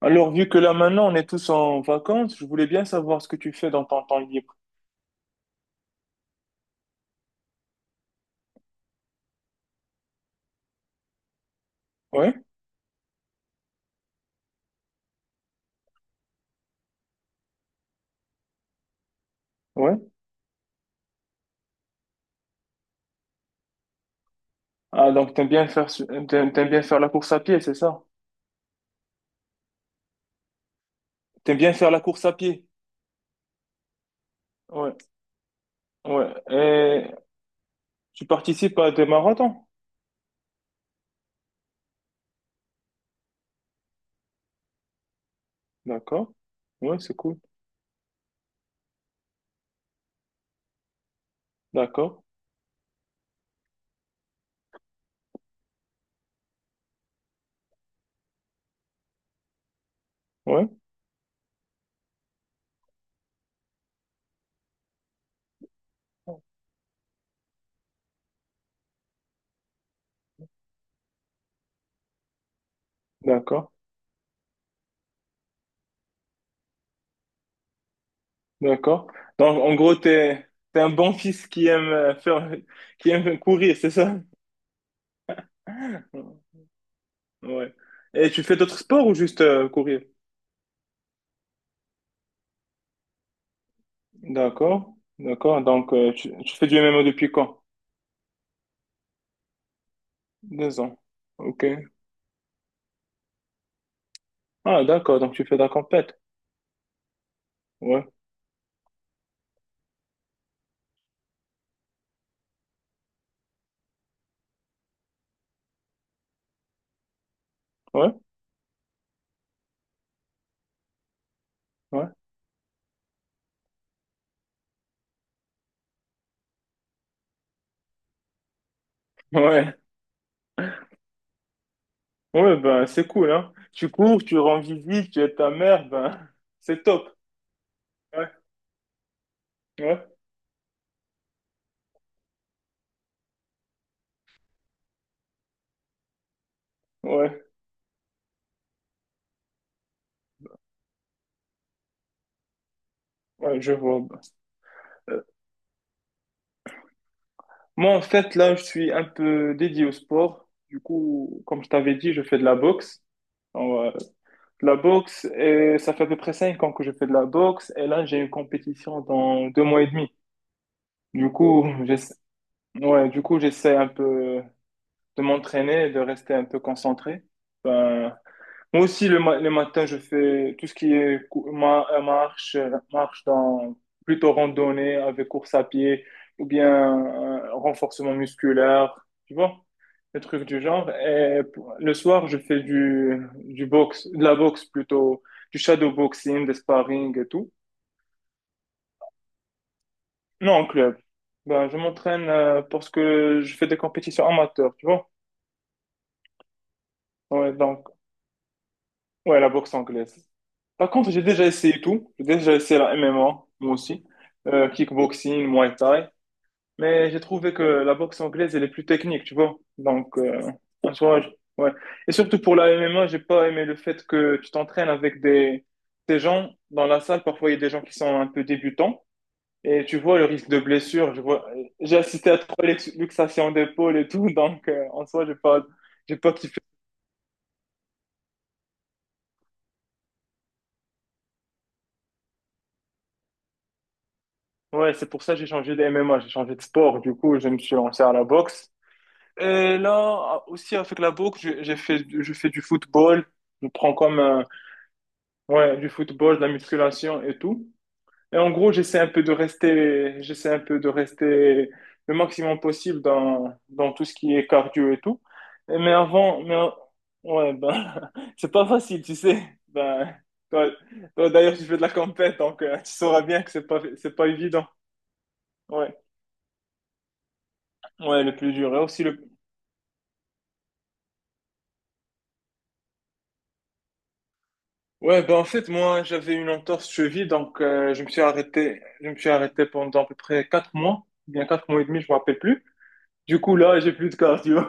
Alors, vu que là maintenant on est tous en vacances, je voulais bien savoir ce que tu fais dans ton temps libre. Ouais, ouais. Ah, donc t'aimes bien faire, t'aimes bien faire la course à pied, c'est ça? T'aimes bien faire la course à pied? Ouais, ouais. Et tu participes à des marathons? D'accord. Ouais, c'est cool. D'accord. Ouais, d'accord. D'accord. Donc, en gros, t'es un bon fils qui aime qui aime courir, c'est ça? Ouais. Et tu fais d'autres sports ou juste courir? D'accord, d'accord. Donc, tu fais du MMO depuis quand? 2 ans. Ok. Ah, d'accord. Donc, tu fais de la compète. Ouais, ouais, ouais. Ouais, ouais, ben, c'est cool, hein. Tu cours, tu rends visite, tu es ta mère, ben, c'est top. Ouais, ouais, ouais, ouais, je vois, ben. Euh, moi, en fait, là, je suis un peu dédié au sport. Du coup, comme je t'avais dit, je fais de la boxe. Alors, de la boxe, et ça fait à peu près 5 ans que je fais de la boxe. Et là, j'ai une compétition dans 2 mois et demi. Du coup, j'essa- ouais, du coup, j'essaie un peu de m'entraîner, de rester un peu concentré. Ben, moi aussi, le matin, je fais tout ce qui est marche dans plutôt randonnée avec course à pied ou bien renforcement musculaire, tu vois, des trucs du genre. Et le soir, je fais de la boxe plutôt, du shadow boxing, des sparring et tout. Non, en club. Ben, je m'entraîne parce que je fais des compétitions amateurs, tu vois. Ouais, donc, ouais, la boxe anglaise. Par contre, j'ai déjà essayé tout. J'ai déjà essayé la MMA, moi aussi. Kickboxing, Muay Thai. Mais j'ai trouvé que la boxe anglaise, elle est plus technique, tu vois. Donc, en soi, ouais. Et surtout pour la MMA, j'ai pas aimé le fait que tu t'entraînes avec des gens dans la salle. Parfois, il y a des gens qui sont un peu débutants. Et tu vois le risque de blessure, je vois, j'ai assisté à trois luxations d'épaule et tout, donc en soi, j'ai pas kiffé. Ouais, c'est pour ça que j'ai changé de MMA, j'ai changé de sport, du coup, je me suis lancé à la boxe. Et là, aussi avec la boxe, je fais du football, je prends comme, ouais, du football, de la musculation et tout. Et en gros, j'essaie un peu de rester, j'essaie un peu de rester le maximum possible dans tout ce qui est cardio et tout. Mais avant, mais, en- ouais, ben, c'est pas facile, tu sais. Ben, toi, toi, d'ailleurs, tu fais de la compète, donc tu sauras bien que c'est pas évident. Ouais, ouais, le plus dur. Et aussi le... Ouais, ben en fait, moi, j'avais une entorse cheville, donc je me suis arrêté pendant à peu près 4 mois, bien 4 mois et demi, je me rappelle plus. Du coup, là, j'ai plus de cardio.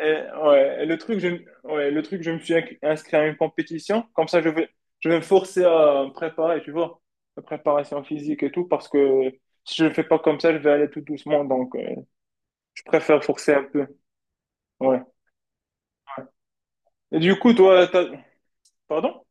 Ouais, ouais, le truc, je me suis inscrit à une compétition. Comme ça, je vais me forcer à me préparer, tu vois, la préparation physique et tout, parce que si je ne fais pas comme ça, je vais aller tout doucement. Donc, je préfère forcer un peu. Ouais. Et du coup, toi, pardon?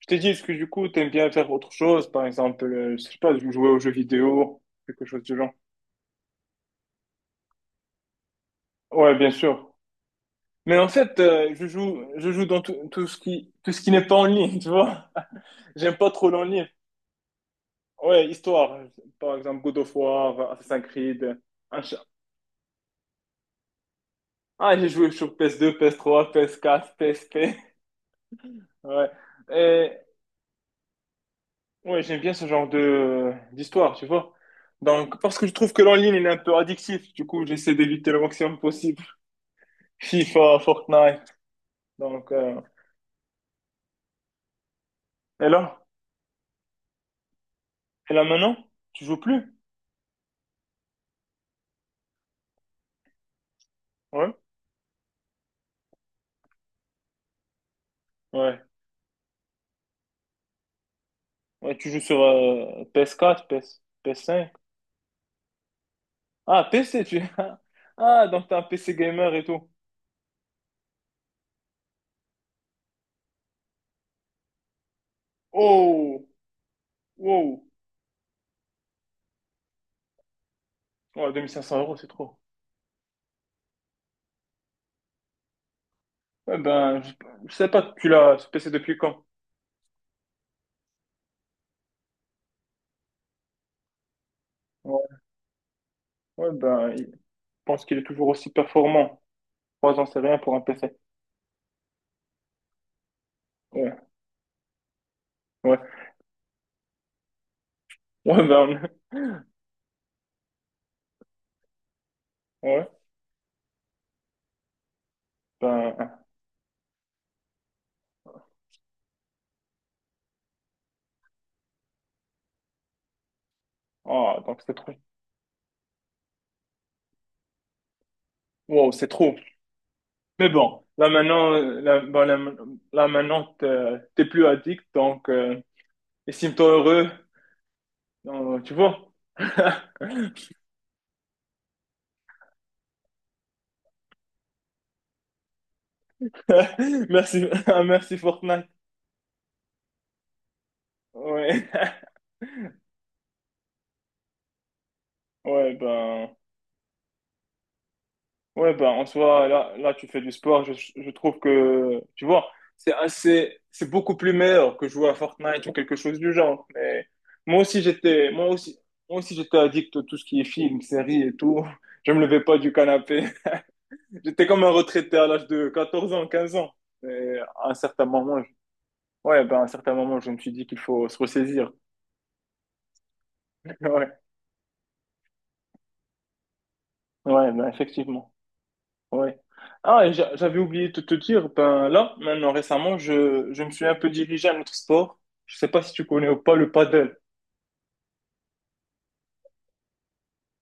Je t'ai dit, est-ce que du coup, t'aimes bien faire autre chose? Par exemple, je sais pas, jouer aux jeux vidéo, quelque chose du genre. Ouais, bien sûr. Mais en fait, je joue dans tout ce qui n'est pas en ligne, tu vois. J'aime pas trop l'en ligne. Ouais, histoire. Par exemple, God of War, Assassin's Creed. un ch- Ah, j'ai joué sur PS2, PS3, PS4, PS3, PS4, PSP. Ouais. Et, ouais, j'aime bien ce genre de d'histoire, tu vois. Donc, parce que je trouve que l'en-ligne, il est un peu addictif. Du coup, j'essaie d'éviter le maximum possible. FIFA, Fortnite. Donc, et là? Et là maintenant? Tu joues plus? Ouais. Ouais. Ouais, tu joues sur PS4, PS, 4 ps cinq. Ah, PC, tu... Ah, donc t'es un PC gamer et tout. Oh! Wow. Ouais, 2500 euros, c'est trop. Ouais, ben, je sais pas, tu l'as ce PC depuis quand? Ouais, ouais ben, je pense qu'il est toujours aussi performant. 3 ans, c'est rien pour un PC. Ouais, ouais. Ouais, ben, ouais, ben, ah, donc c'est trop. Wow, c'est trop. Mais bon, là maintenant, là, ben, là, maintenant, t'es plus addict, donc, estime-toi heureux. Tu vois? Merci, merci Fortnite. Ouais, ouais, ben. Ouais, ben, en soi, là, tu fais du sport. Je trouve que, tu vois, c'est beaucoup plus meilleur que jouer à Fortnite ou quelque chose du genre. Mais moi aussi, j'étais addict à tout ce qui est film, séries et tout. Je me levais pas du canapé. J'étais comme un retraité à l'âge de 14 ans, 15 ans. Et à un certain moment, ouais, ben, à un certain moment, je me suis dit qu'il faut se ressaisir. Ouais, ouais, ben, effectivement. Ouais. Ah, et j'avais oublié de te dire, ben là, maintenant récemment, je me suis un peu dirigé à un autre sport. Je sais pas si tu connais ou pas le paddle.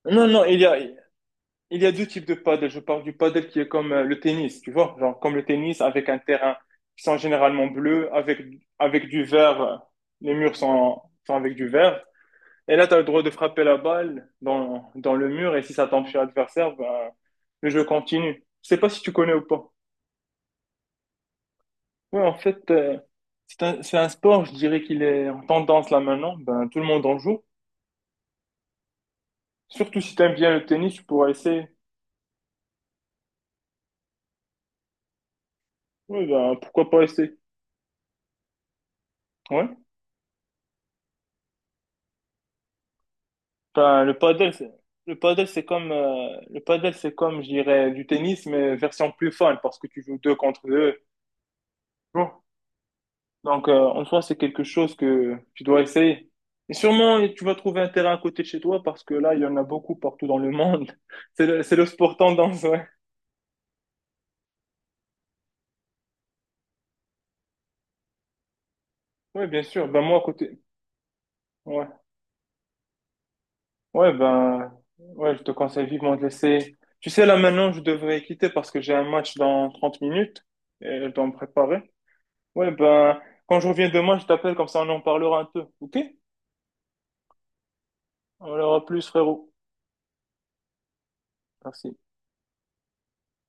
Non, non, il y a deux types de paddle. Je parle du paddle qui est comme le tennis, tu vois, genre comme le tennis avec un terrain qui sont généralement bleus, avec du vert, les murs sont avec du vert. Et là, tu as le droit de frapper la balle dans le mur et si ça tombe chez l'adversaire, ben, le jeu continue. Je sais pas si tu connais ou pas. Ouais, en fait, c'est un sport, je dirais qu'il est en tendance là maintenant. Ben, tout le monde en joue. Surtout si t'aimes bien le tennis, tu pourras essayer. Oui, ben, pourquoi pas essayer? Ouais. Ben, le paddle, c'est comme, je dirais, du tennis, mais version plus fun, parce que tu joues deux contre deux. Bon. Donc, en soi, c'est quelque chose que tu dois essayer. Et sûrement, tu vas trouver un terrain à côté de chez toi, parce que là, il y en a beaucoup partout dans le monde. C'est le sport tendance, ouais. Ouais, bien sûr. Ben, moi, à côté, ouais. Ouais, ben, ouais, je te conseille vivement de laisser. Tu sais, là, maintenant, je devrais quitter parce que j'ai un match dans 30 minutes et je dois me préparer. Ouais, ben, quand je reviens demain, je t'appelle, comme ça, on en parlera un peu. OK? On aura plus, frérot. Merci.